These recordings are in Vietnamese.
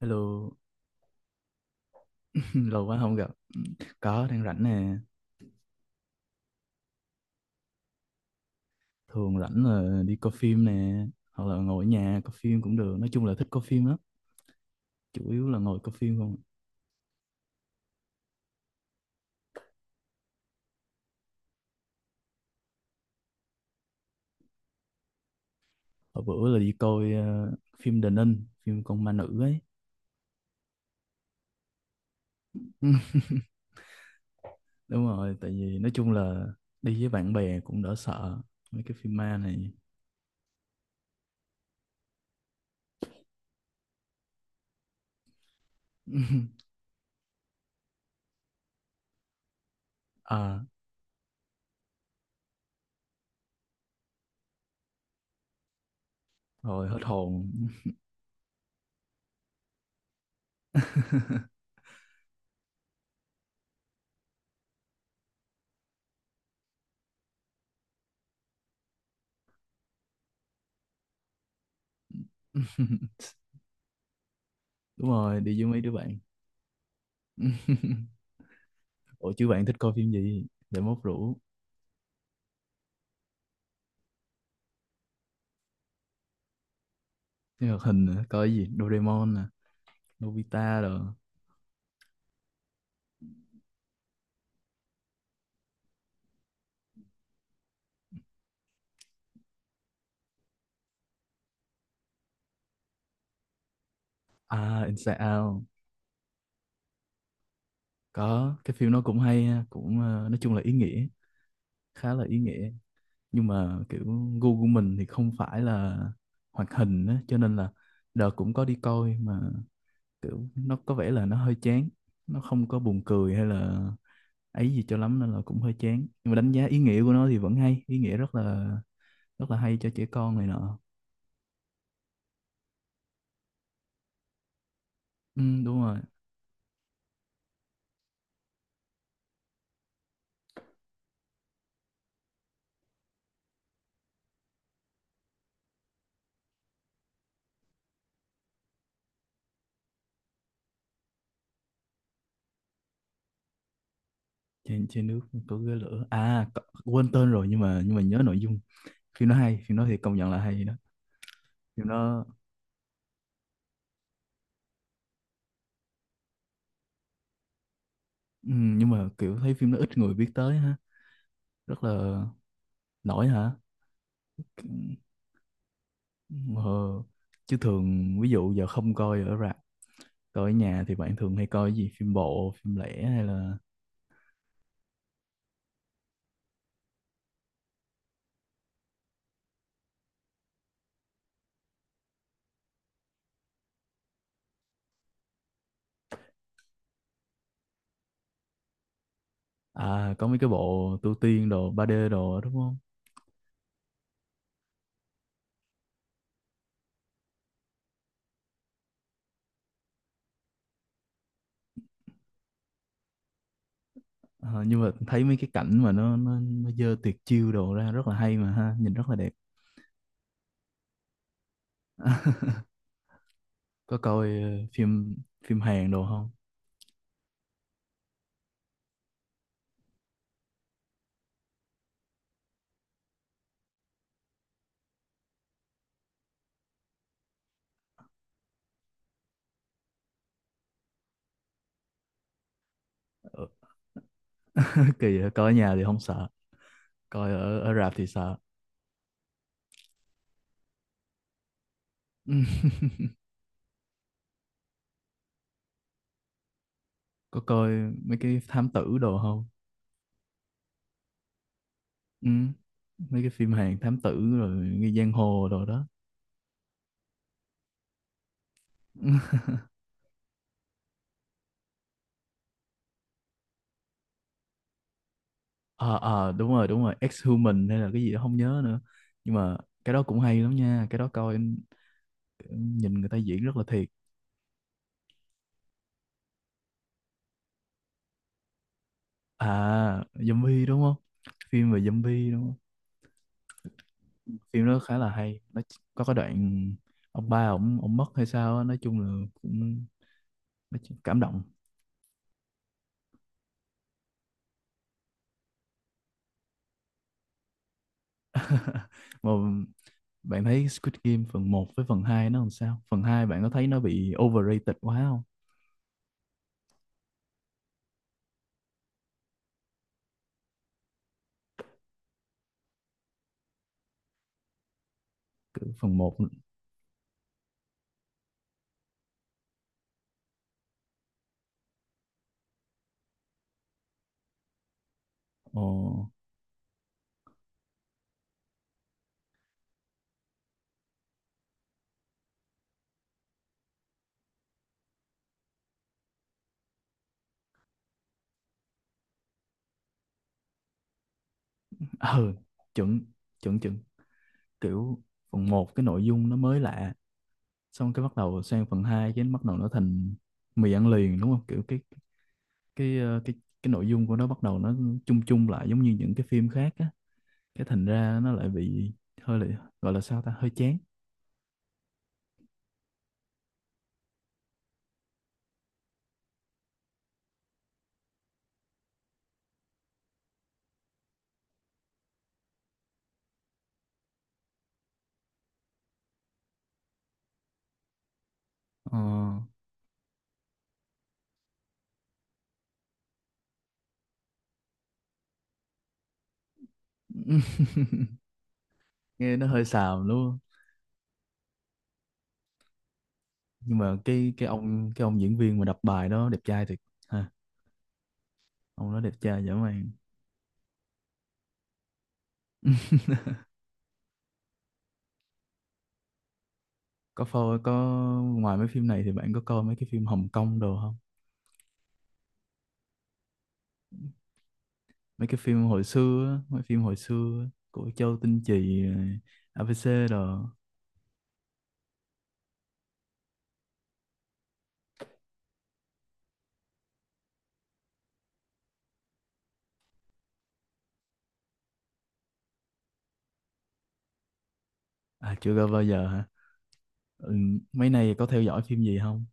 Hello, lâu quá không gặp. Có, đang rảnh nè. Thường rảnh là đi coi phim nè. Hoặc là ngồi ở nhà coi phim cũng được. Nói chung là thích coi phim lắm. Chủ yếu là ngồi coi phim không. À. Hồi bữa là đi coi phim Đền Ninh, phim con ma nữ ấy. Đúng rồi, tại vì nói chung là đi với bạn bè cũng đỡ sợ. Mấy cái phim ma này. À, rồi hết hồn. Đúng rồi, đi với mấy đứa bạn. Ủa chứ bạn thích coi phim gì? Để mốt rủ. Phim hoạt hình nữa có cái gì, Doraemon nè, Nobita rồi. À, Inside Out, có cái phim nó cũng hay ha, cũng nói chung là ý nghĩa, khá là ý nghĩa. Nhưng mà kiểu gu của mình thì không phải là hoạt hình á, cho nên là đợt cũng có đi coi mà kiểu nó có vẻ là nó hơi chán, nó không có buồn cười hay là ấy gì cho lắm nên là cũng hơi chán. Nhưng mà đánh giá ý nghĩa của nó thì vẫn hay, ý nghĩa rất là hay cho trẻ con này nọ. Ừ, đúng rồi. Trên trên nước có ghế lửa à, quên tên rồi nhưng mà nhớ nội dung. Phim nó hay, phim nó thì công nhận là hay đó. Phim nó nhưng mà kiểu thấy phim nó ít người biết tới ha, rất là nổi hả. Ừm, ờ, chứ thường ví dụ giờ không coi ở rạp, coi ở nhà thì bạn thường hay coi cái gì, phim bộ, phim lẻ hay là... À, có mấy cái bộ tu tiên đồ ba d đồ đó, đúng không? Ờ, nhưng mà thấy mấy cái cảnh mà nó dơ tuyệt chiêu đồ ra rất là hay mà ha, nhìn rất là đẹp. Có coi phim phim Hàn đồ không? Kỳ vậy, coi ở nhà thì không sợ, coi ở ở rạp thì sợ. Có coi mấy cái thám tử đồ không? Ừ. Mấy cái phim Hàn thám tử rồi nghi giang hồ đồ đó. Ờ ờ, đúng rồi đúng rồi, Ex-Human hay là cái gì đó không nhớ nữa. Nhưng mà cái đó cũng hay lắm nha, cái đó coi nhìn người ta diễn rất là thiệt. À, zombie đúng không? Phim về zombie đúng không? Phim đó khá là hay, nó có cái đoạn ông ba ổng ổng mất hay sao á, nói chung là cũng... Mấy chuyện cảm động. Mà bạn thấy Squid Game phần một với phần 2 nó làm sao, phần 2 bạn có thấy nó bị overrated quá không? Kiểu phần một, ồ, ừ, chuẩn chuẩn chuẩn. Kiểu phần một cái nội dung nó mới lạ, xong cái bắt đầu sang phần 2 cái nó bắt đầu nó thành mì ăn liền đúng không? Kiểu cái cái ờ, cái nội dung của nó bắt đầu nó chung chung lại giống như những cái phim khác á. Cái thành ra nó lại bị hơi là, gọi là sao ta, hơi chán. Ờ. Nghe nó hơi xàm đúng không? Nhưng mà cái ông diễn viên mà đọc bài đó đẹp trai thiệt ha. Ông đó đẹp trai dã man. Có phô có, ngoài mấy phim này thì bạn có coi mấy cái phim Hồng Kông đồ không? Mấy cái phim hồi xưa á, mấy phim hồi xưa á, của Châu Tinh Trì rồi ABC đồ. À chưa coi bao giờ hả? Ừ, mấy này có theo dõi phim gì không?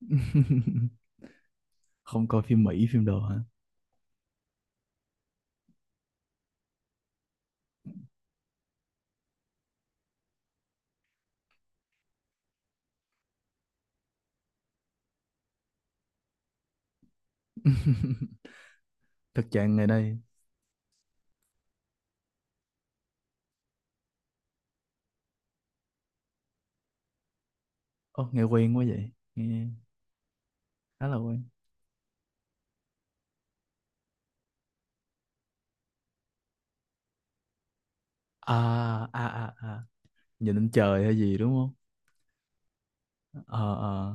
Không coi phim Mỹ phim đồ hả? Thực trạng ngày đây. Ô, nghe quen quá vậy nghe. Khá là quen. À à à, à, nhìn lên trời hay gì đúng không? Ờ ờ.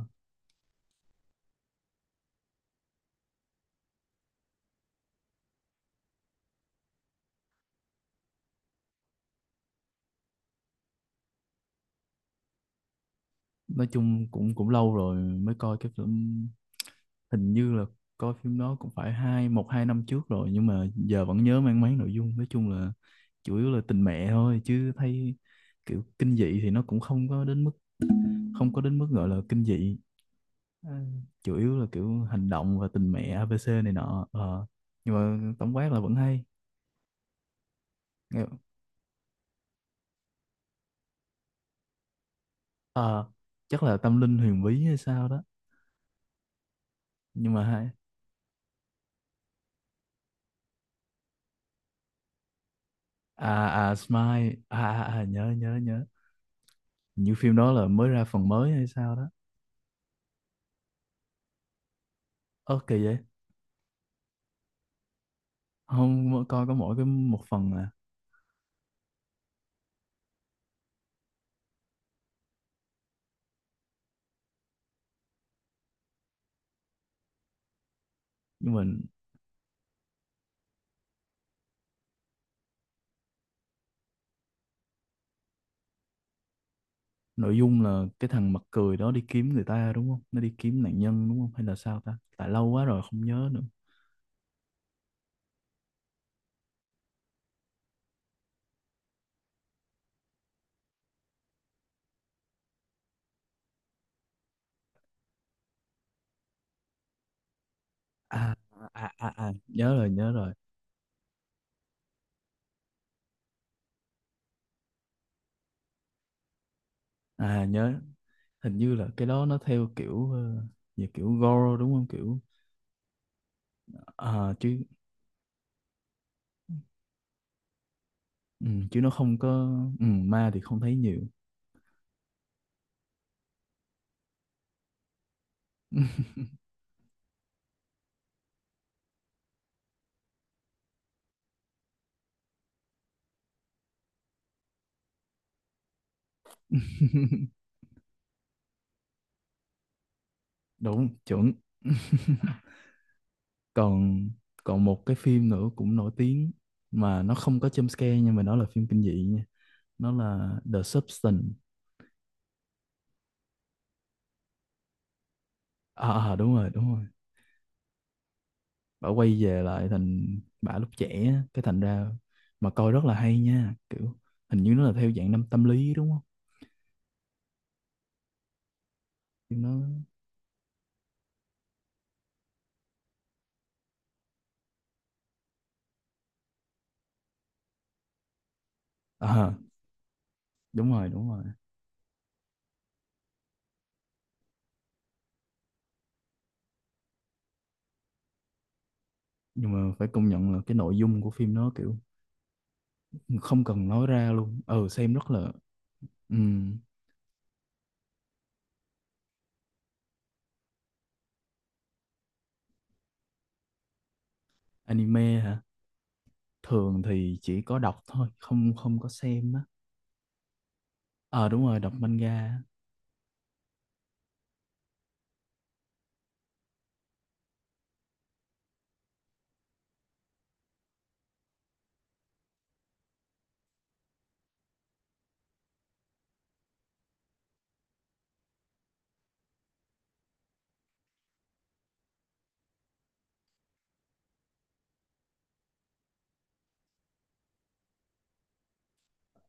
Nói chung cũng cũng lâu rồi mới coi cái phim, hình như là coi phim đó cũng phải hai một hai năm trước rồi nhưng mà giờ vẫn nhớ mang máng nội dung. Nói chung là chủ yếu là tình mẹ thôi, chứ thấy kiểu kinh dị thì nó cũng không có đến mức, không có đến mức gọi là kinh dị. Ừ. Chủ yếu là kiểu hành động và tình mẹ ABC này nọ. Ờ. Nhưng mà tổng quát là vẫn hay. Nghe- Ờ, chắc là tâm linh huyền bí hay sao đó, nhưng mà hay. À à Smile, à, à, à nhớ nhớ nhớ. Như phim đó là mới ra phần mới hay sao đó. Ơ kỳ vậy. Không, coi có mỗi cái một phần à. Nhưng mà nội dung là cái thằng mặt cười đó đi kiếm người ta đúng không, nó đi kiếm nạn nhân đúng không hay là sao ta, tại lâu quá rồi không nhớ nữa. À à à, à nhớ rồi nhớ rồi. À nhớ, hình như là cái đó nó theo kiểu về kiểu gore đúng không, kiểu? À, chứ ừ, chứ nó không có, ừ, ma thì không thấy nhiều. Đúng chuẩn. còn còn một cái phim nữa cũng nổi tiếng, mà nó không có jump scare nhưng mà nó là phim kinh dị nha, nó là The Substance. À, à à, đúng rồi đúng rồi. Bà quay về lại thành bà lúc trẻ á, cái thành ra mà coi rất là hay nha. Kiểu hình như nó là theo dạng năm tâm lý đúng không? Phim nó à à, đúng rồi đúng rồi. Nhưng mà phải công nhận là cái nội dung của phim nó kiểu không cần nói ra luôn, ừ, xem rất là... Ừ, anime hả? Thường thì chỉ có đọc thôi, không không có xem á. Ờ, đúng rồi, đọc manga.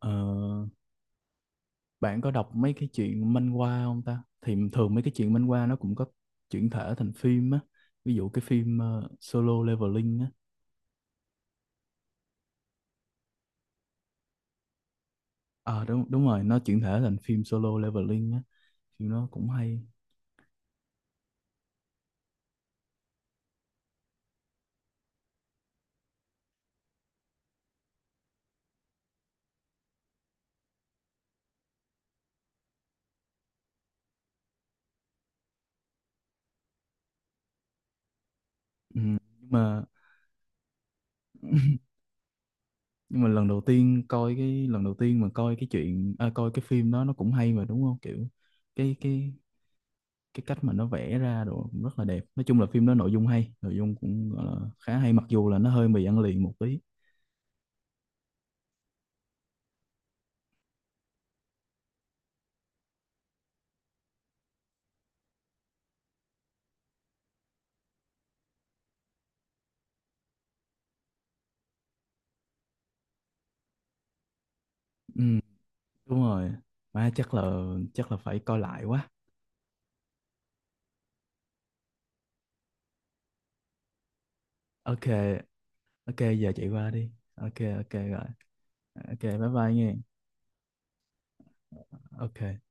Ờ, bạn có đọc mấy cái chuyện manhwa không ta? Thì thường mấy cái chuyện manhwa nó cũng có chuyển thể thành phim á, ví dụ cái phim Solo Leveling á. Ờ đúng đúng rồi, nó chuyển thể thành phim Solo Leveling á. Phim nó cũng hay. Ừ. Nhưng mà lần đầu tiên mà coi cái chuyện à, coi cái phim đó nó cũng hay mà đúng không, kiểu? Cái Cái cách mà nó vẽ ra đồ cũng rất là đẹp. Nói chung là phim đó nội dung hay, nội dung cũng gọi là khá hay, mặc dù là nó hơi mì ăn liền một tí. Ừ, đúng rồi. Má chắc là phải coi lại quá. OK, OK giờ chạy qua đi, OK OK rồi. OK bye bye nghe. OK